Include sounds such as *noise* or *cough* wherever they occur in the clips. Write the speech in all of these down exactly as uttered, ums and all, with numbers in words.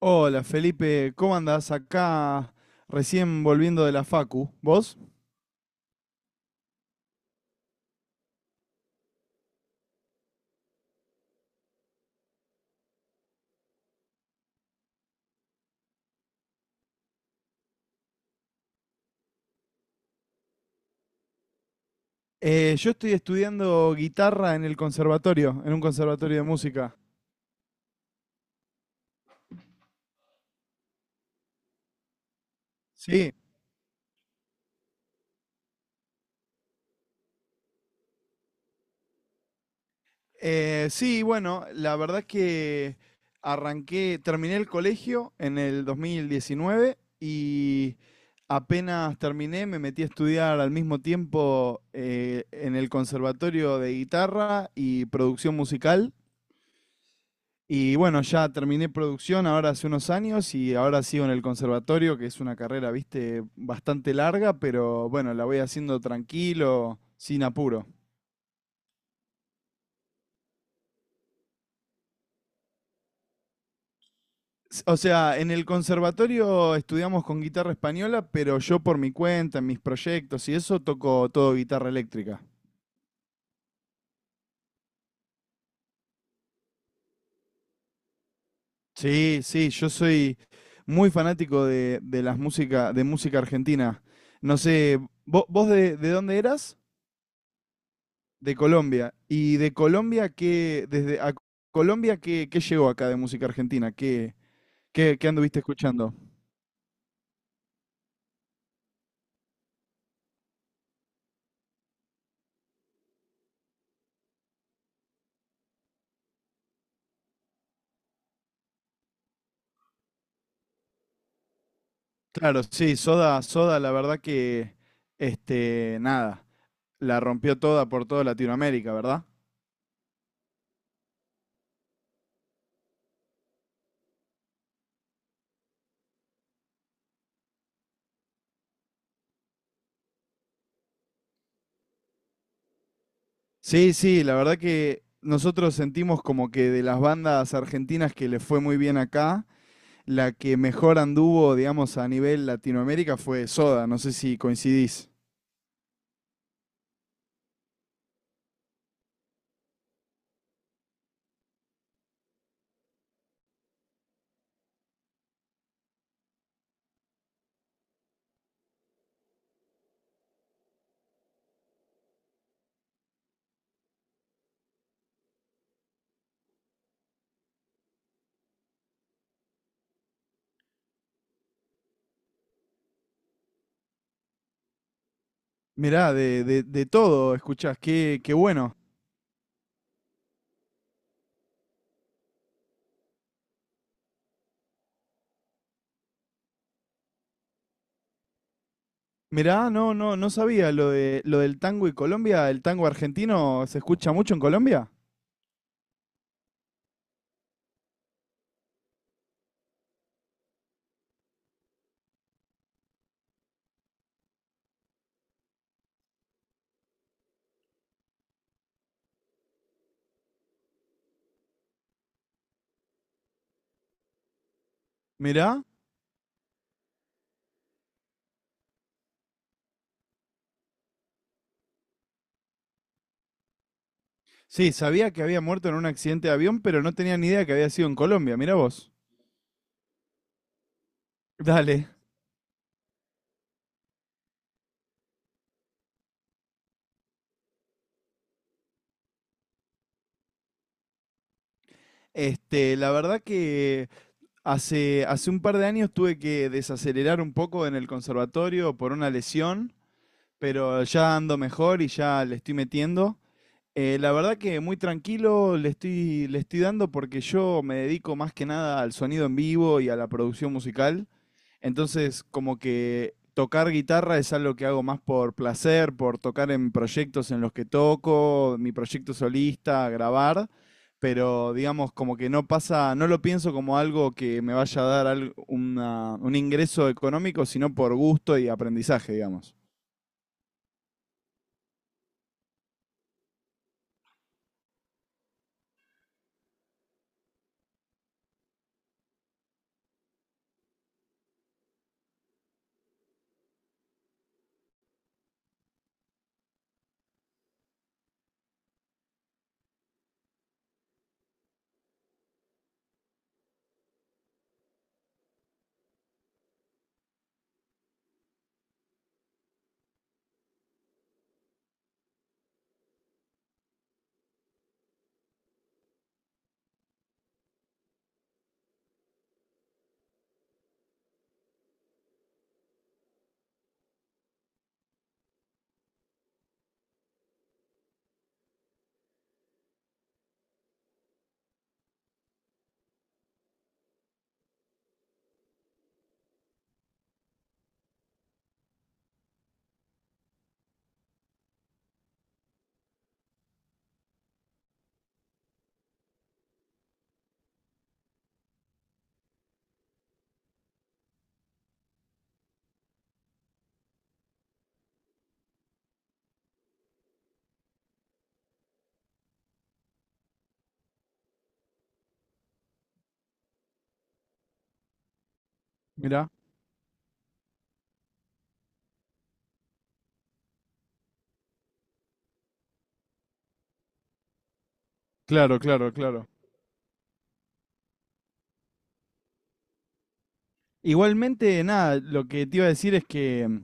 Hola Felipe, ¿cómo andás? Acá recién volviendo de la Facu. ¿Vos? Eh, yo estoy estudiando guitarra en el conservatorio, en un conservatorio de música. Sí. Eh, sí, bueno, la verdad es que arranqué, terminé el colegio en el dos mil diecinueve y apenas terminé me metí a estudiar al mismo tiempo eh, en el conservatorio de guitarra y producción musical. Y bueno, ya terminé producción ahora hace unos años y ahora sigo en el conservatorio, que es una carrera, viste, bastante larga, pero bueno, la voy haciendo tranquilo, sin apuro. S- O sea, en el conservatorio estudiamos con guitarra española, pero yo por mi cuenta, en mis proyectos y eso, toco todo guitarra eléctrica. Sí, sí, yo soy muy fanático de, de las música, de música argentina. No sé, ¿vo- ¿vos, de, de dónde eras? De Colombia. ¿Y de Colombia qué, desde a Colombia qué, qué llegó acá de música argentina? ¿Qué, qué, qué anduviste escuchando? Claro, sí, Soda, Soda, la verdad que, este, nada, la rompió toda por toda Latinoamérica, ¿verdad? Sí, sí, la verdad que nosotros sentimos como que de las bandas argentinas que le fue muy bien acá, la que mejor anduvo, digamos, a nivel Latinoamérica fue Soda, no sé si coincidís. Mirá, de, de, de todo escuchás, qué, qué bueno. Mirá, no, no, no sabía lo de lo del tango y Colombia. ¿El tango argentino se escucha mucho en Colombia? Mirá. Sí, sabía que había muerto en un accidente de avión, pero no tenía ni idea que había sido en Colombia. Mirá vos. Dale. Este, la verdad que hace, hace un par de años tuve que desacelerar un poco en el conservatorio por una lesión, pero ya ando mejor y ya le estoy metiendo. Eh, la verdad que muy tranquilo le estoy, le estoy dando porque yo me dedico más que nada al sonido en vivo y a la producción musical. Entonces, como que tocar guitarra es algo que hago más por placer, por tocar en proyectos en los que toco, mi proyecto solista, grabar, pero digamos como que no pasa, no lo pienso como algo que me vaya a dar al- una- un ingreso económico, sino por gusto y aprendizaje, digamos. Mirá, claro, claro, claro. Igualmente, nada, lo que te iba a decir es que, mm,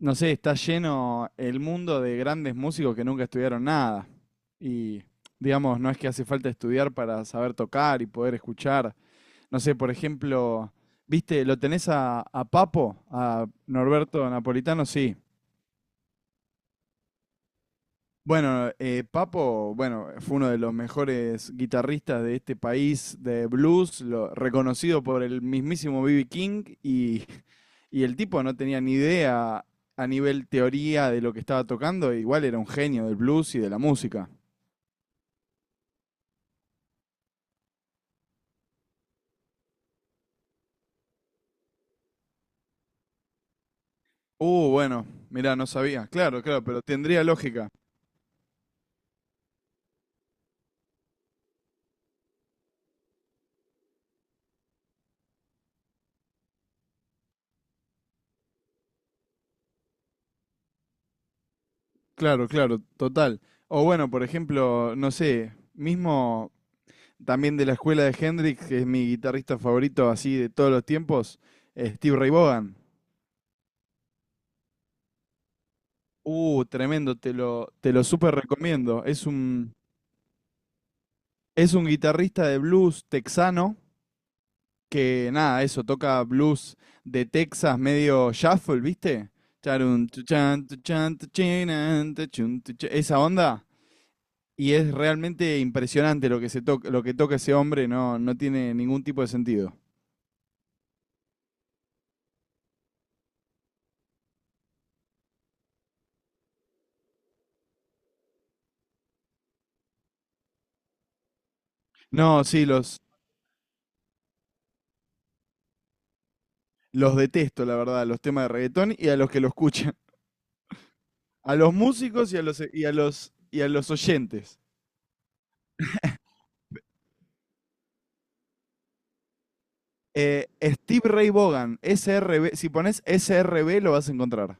no sé, está lleno el mundo de grandes músicos que nunca estudiaron nada. Y, digamos, no es que hace falta estudiar para saber tocar y poder escuchar. No sé, por ejemplo, ¿viste? ¿Lo tenés a, a, Papo, a Norberto Napolitano? Sí. Bueno, eh, Papo, bueno, fue uno de los mejores guitarristas de este país de blues, lo- reconocido por el mismísimo B B. King, y, y el tipo no tenía ni idea a nivel teoría de lo que estaba tocando, e igual era un genio del blues y de la música. Uh, bueno, mirá, no sabía. Claro, claro, pero tendría lógica. Claro, claro, total. O bueno, por ejemplo, no sé, mismo también de la escuela de Hendrix, que es mi guitarrista favorito así de todos los tiempos, eh, Steve Ray Vaughan. Uh, tremendo, te lo, te lo súper recomiendo. Es un, es un guitarrista de blues texano que, nada, eso, toca blues de Texas medio shuffle, ¿viste? Charun, tuchan, tuchan, tuchinan, tuchun, tucha- Esa onda. Y es realmente impresionante lo que, se toca, lo que toca ese hombre, no, no tiene ningún tipo de sentido. No, sí, los, los detesto, la verdad, los temas de reggaetón y a los que lo escuchan. *laughs* A los músicos y a los, y a los, y a los oyentes. Eh, Steve Ray Vaughan, S R S R B, si pones S R S R B lo vas a encontrar.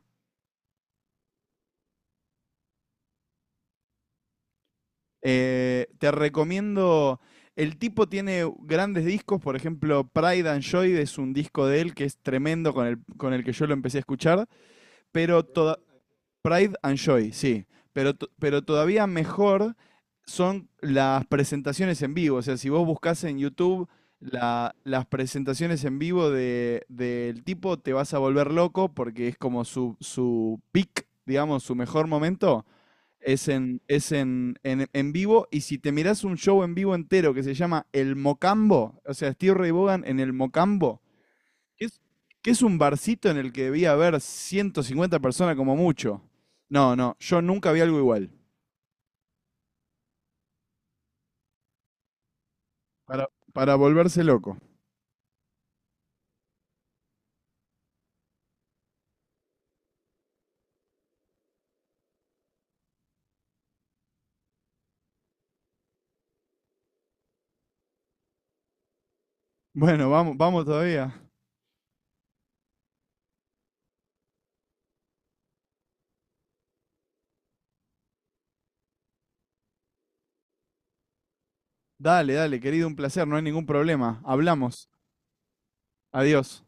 Eh, te recomiendo, el tipo tiene grandes discos, por ejemplo, Pride and Joy es un disco de él que es tremendo con el, con el que yo lo empecé a escuchar, pero toda- Pride and Joy, sí. Pero, to- pero todavía mejor son las presentaciones en vivo. O sea, si vos buscas en YouTube la- las presentaciones en vivo de, del tipo, te vas a volver loco porque es como su, su peak, digamos, su mejor momento. Es, en, es en, en, en vivo, y si te mirás un show en vivo entero que se llama El Mocambo, o sea, Steve Ray Vaughan en El Mocambo, que es, que es un barcito en el que debía haber ciento cincuenta personas como mucho. No, no, yo nunca vi algo igual. Para, para volverse loco. Bueno, vamos, vamos todavía. Dale, dale, querido, un placer, no hay ningún problema. Hablamos. Adiós.